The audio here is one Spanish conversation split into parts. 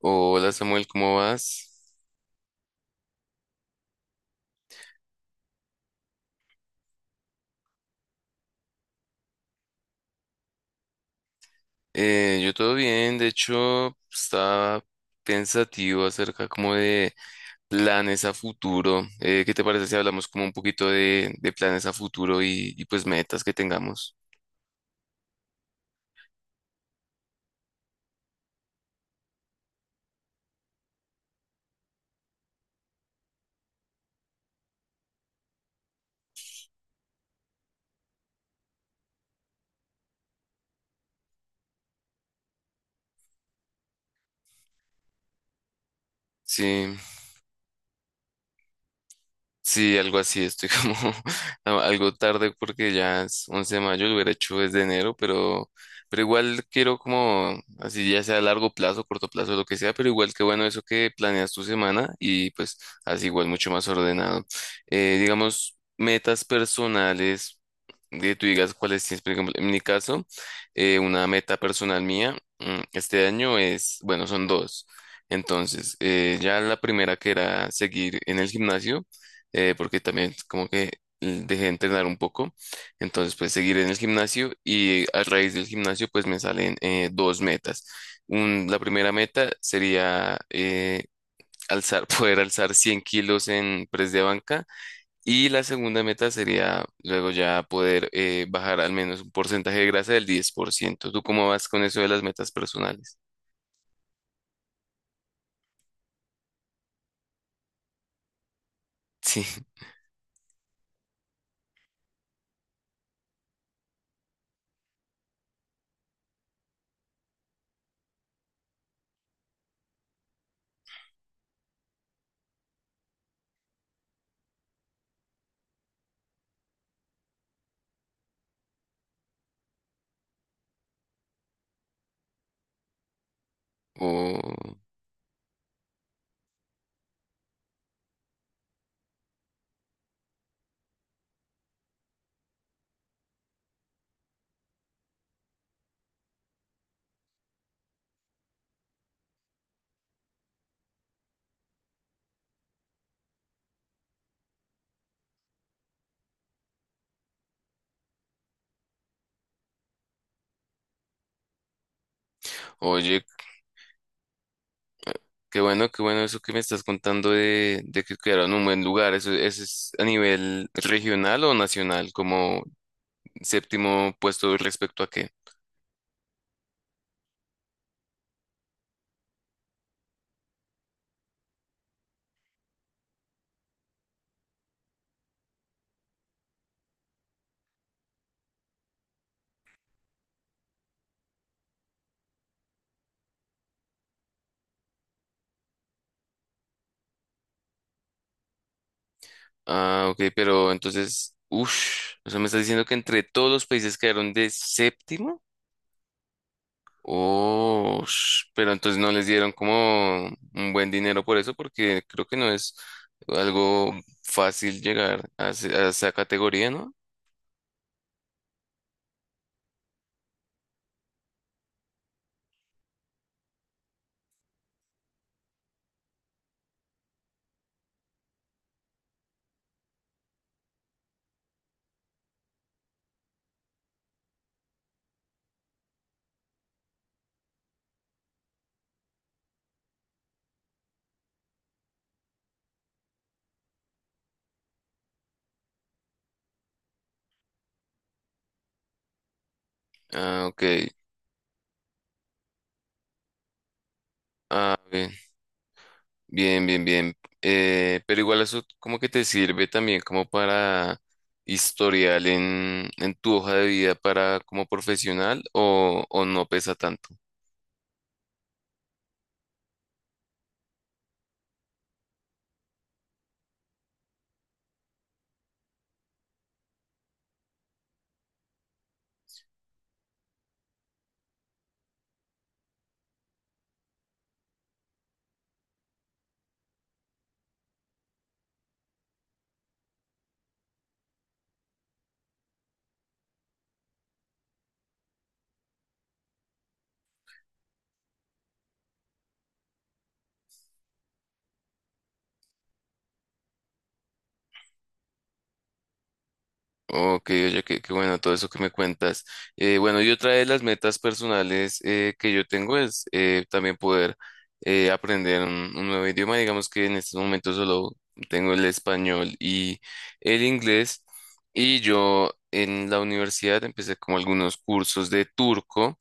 Hola Samuel, ¿cómo vas? Yo todo bien, de hecho estaba pensativo acerca como de planes a futuro. ¿Qué te parece si hablamos como un poquito de planes a futuro y pues metas que tengamos? Sí. Sí, algo así, estoy como algo tarde porque ya es 11 de mayo, lo hubiera hecho desde enero, pero igual quiero como, así ya sea a largo plazo, corto plazo, lo que sea, pero igual que bueno eso que planeas tu semana y pues así igual mucho más ordenado. Digamos, metas personales, que tú digas cuáles tienes, por ejemplo, en mi caso, una meta personal mía, este año es, bueno, son dos. Entonces, ya la primera que era seguir en el gimnasio, porque también como que dejé de entrenar un poco, entonces pues seguir en el gimnasio y a raíz del gimnasio pues me salen dos metas. La primera meta sería poder alzar 100 kilos en press de banca y la segunda meta sería luego ya poder bajar al menos un porcentaje de grasa del 10%. ¿Tú cómo vas con eso de las metas personales? Sí. o, o yo qué bueno eso que me estás contando de que quedaron en un buen lugar. Eso es a nivel regional o nacional, como séptimo puesto respecto a qué. Ah, ok, pero entonces, uff, o sea, me estás diciendo que entre todos los países quedaron de séptimo. Oh, pero entonces no les dieron como un buen dinero por eso, porque creo que no es algo fácil llegar a esa categoría, ¿no? Ah, ok. Ah, ok. Bien, bien, bien. Pero igual eso como que te sirve también como para historial en tu hoja de vida para como profesional o no pesa tanto. Ok, oye, qué bueno todo eso que me cuentas. Bueno, y otra de las metas personales que yo tengo es también poder aprender un nuevo idioma. Digamos que en este momento solo tengo el español y el inglés. Y yo en la universidad empecé como algunos cursos de turco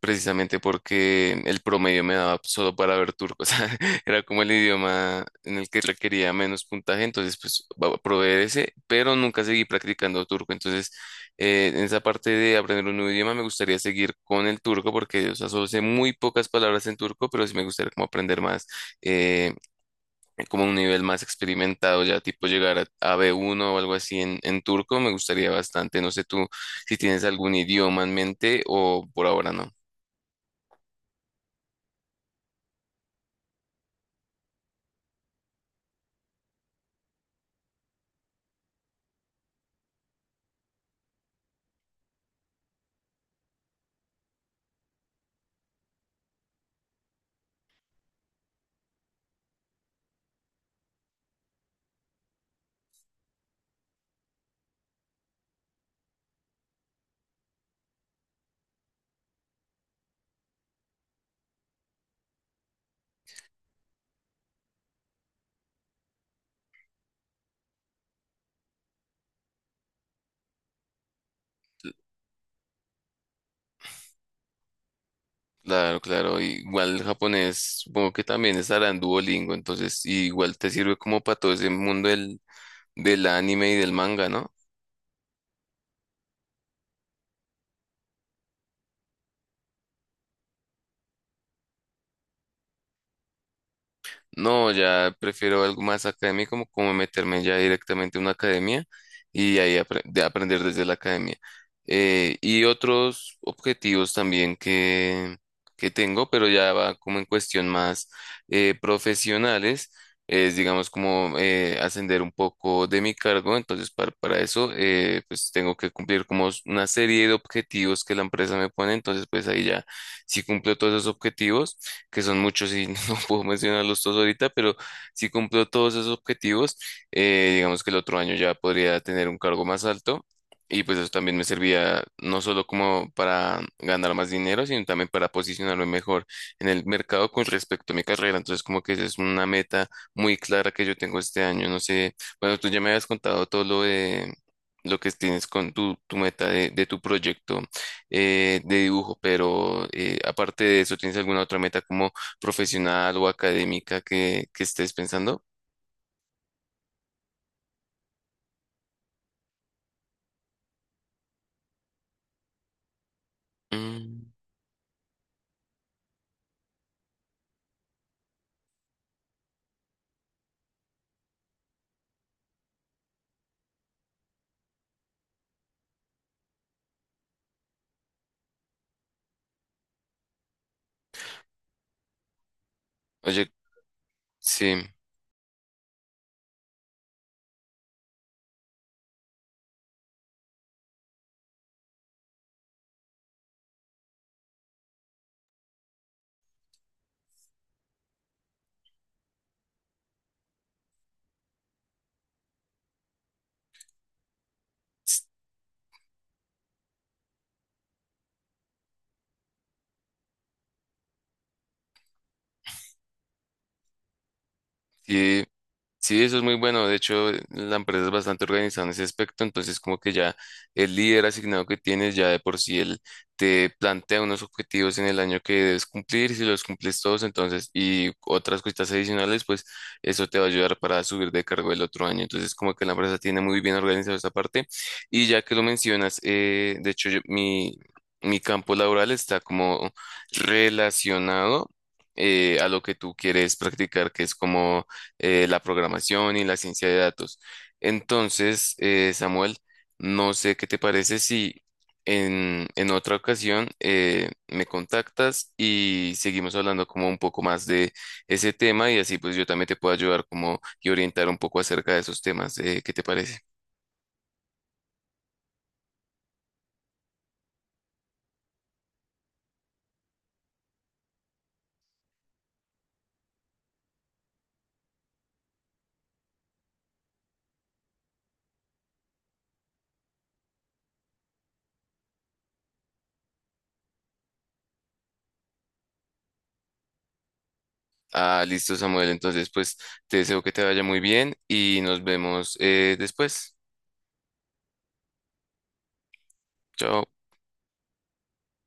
precisamente porque el promedio me daba solo para ver turco, o sea, era como el idioma en el que requería menos puntaje, entonces pues probé ese, pero nunca seguí practicando turco, entonces en esa parte de aprender un nuevo idioma me gustaría seguir con el turco porque, o sea, solo sé muy pocas palabras en turco, pero sí me gustaría como aprender más, eh, como un nivel más experimentado, ya tipo llegar a B1 o algo así en turco, me gustaría bastante, no sé tú si tienes algún idioma en mente o por ahora no. Claro, claro. Igual el japonés, supongo que también estará en Duolingo, entonces igual te sirve como para todo ese mundo del anime y del manga, ¿no? No, ya prefiero algo más académico, como meterme ya directamente a una academia y ahí de aprender desde la academia. Y otros objetivos también que tengo, pero ya va como en cuestión más profesionales, es digamos como ascender un poco de mi cargo. Entonces, para eso, pues tengo que cumplir como una serie de objetivos que la empresa me pone. Entonces, pues ahí ya, si cumplo todos esos objetivos, que son muchos y no puedo mencionarlos todos ahorita, pero si cumplo todos esos objetivos, digamos que el otro año ya podría tener un cargo más alto y pues eso también me servía no solo como para ganar más dinero, sino también para posicionarme mejor en el mercado con respecto a mi carrera. Entonces como que esa es una meta muy clara que yo tengo este año. No sé, bueno, tú ya me habías contado todo lo que tienes con tu meta de tu proyecto de dibujo, pero aparte de eso, ¿tienes alguna otra meta como profesional o académica que estés pensando? Mm, Oye, sí, sí. Sí, eso es muy bueno. De hecho, la empresa es bastante organizada en ese aspecto. Entonces, como que ya el líder asignado que tienes, ya de por sí él te plantea unos objetivos en el año que debes cumplir. Si los cumples todos, entonces, y otras cositas adicionales, pues eso te va a ayudar para subir de cargo el otro año. Entonces, como que la empresa tiene muy bien organizada esa parte. Y ya que lo mencionas, de hecho, mi campo laboral está como relacionado a lo que tú quieres practicar, que es como la programación y la ciencia de datos. Entonces, Samuel, no sé qué te parece si en otra ocasión me contactas y seguimos hablando como un poco más de ese tema y así pues yo también te puedo ayudar como y orientar un poco acerca de esos temas. ¿Qué te parece? Ah, listo, Samuel. Entonces, pues te deseo que te vaya muy bien y nos vemos después. Chao.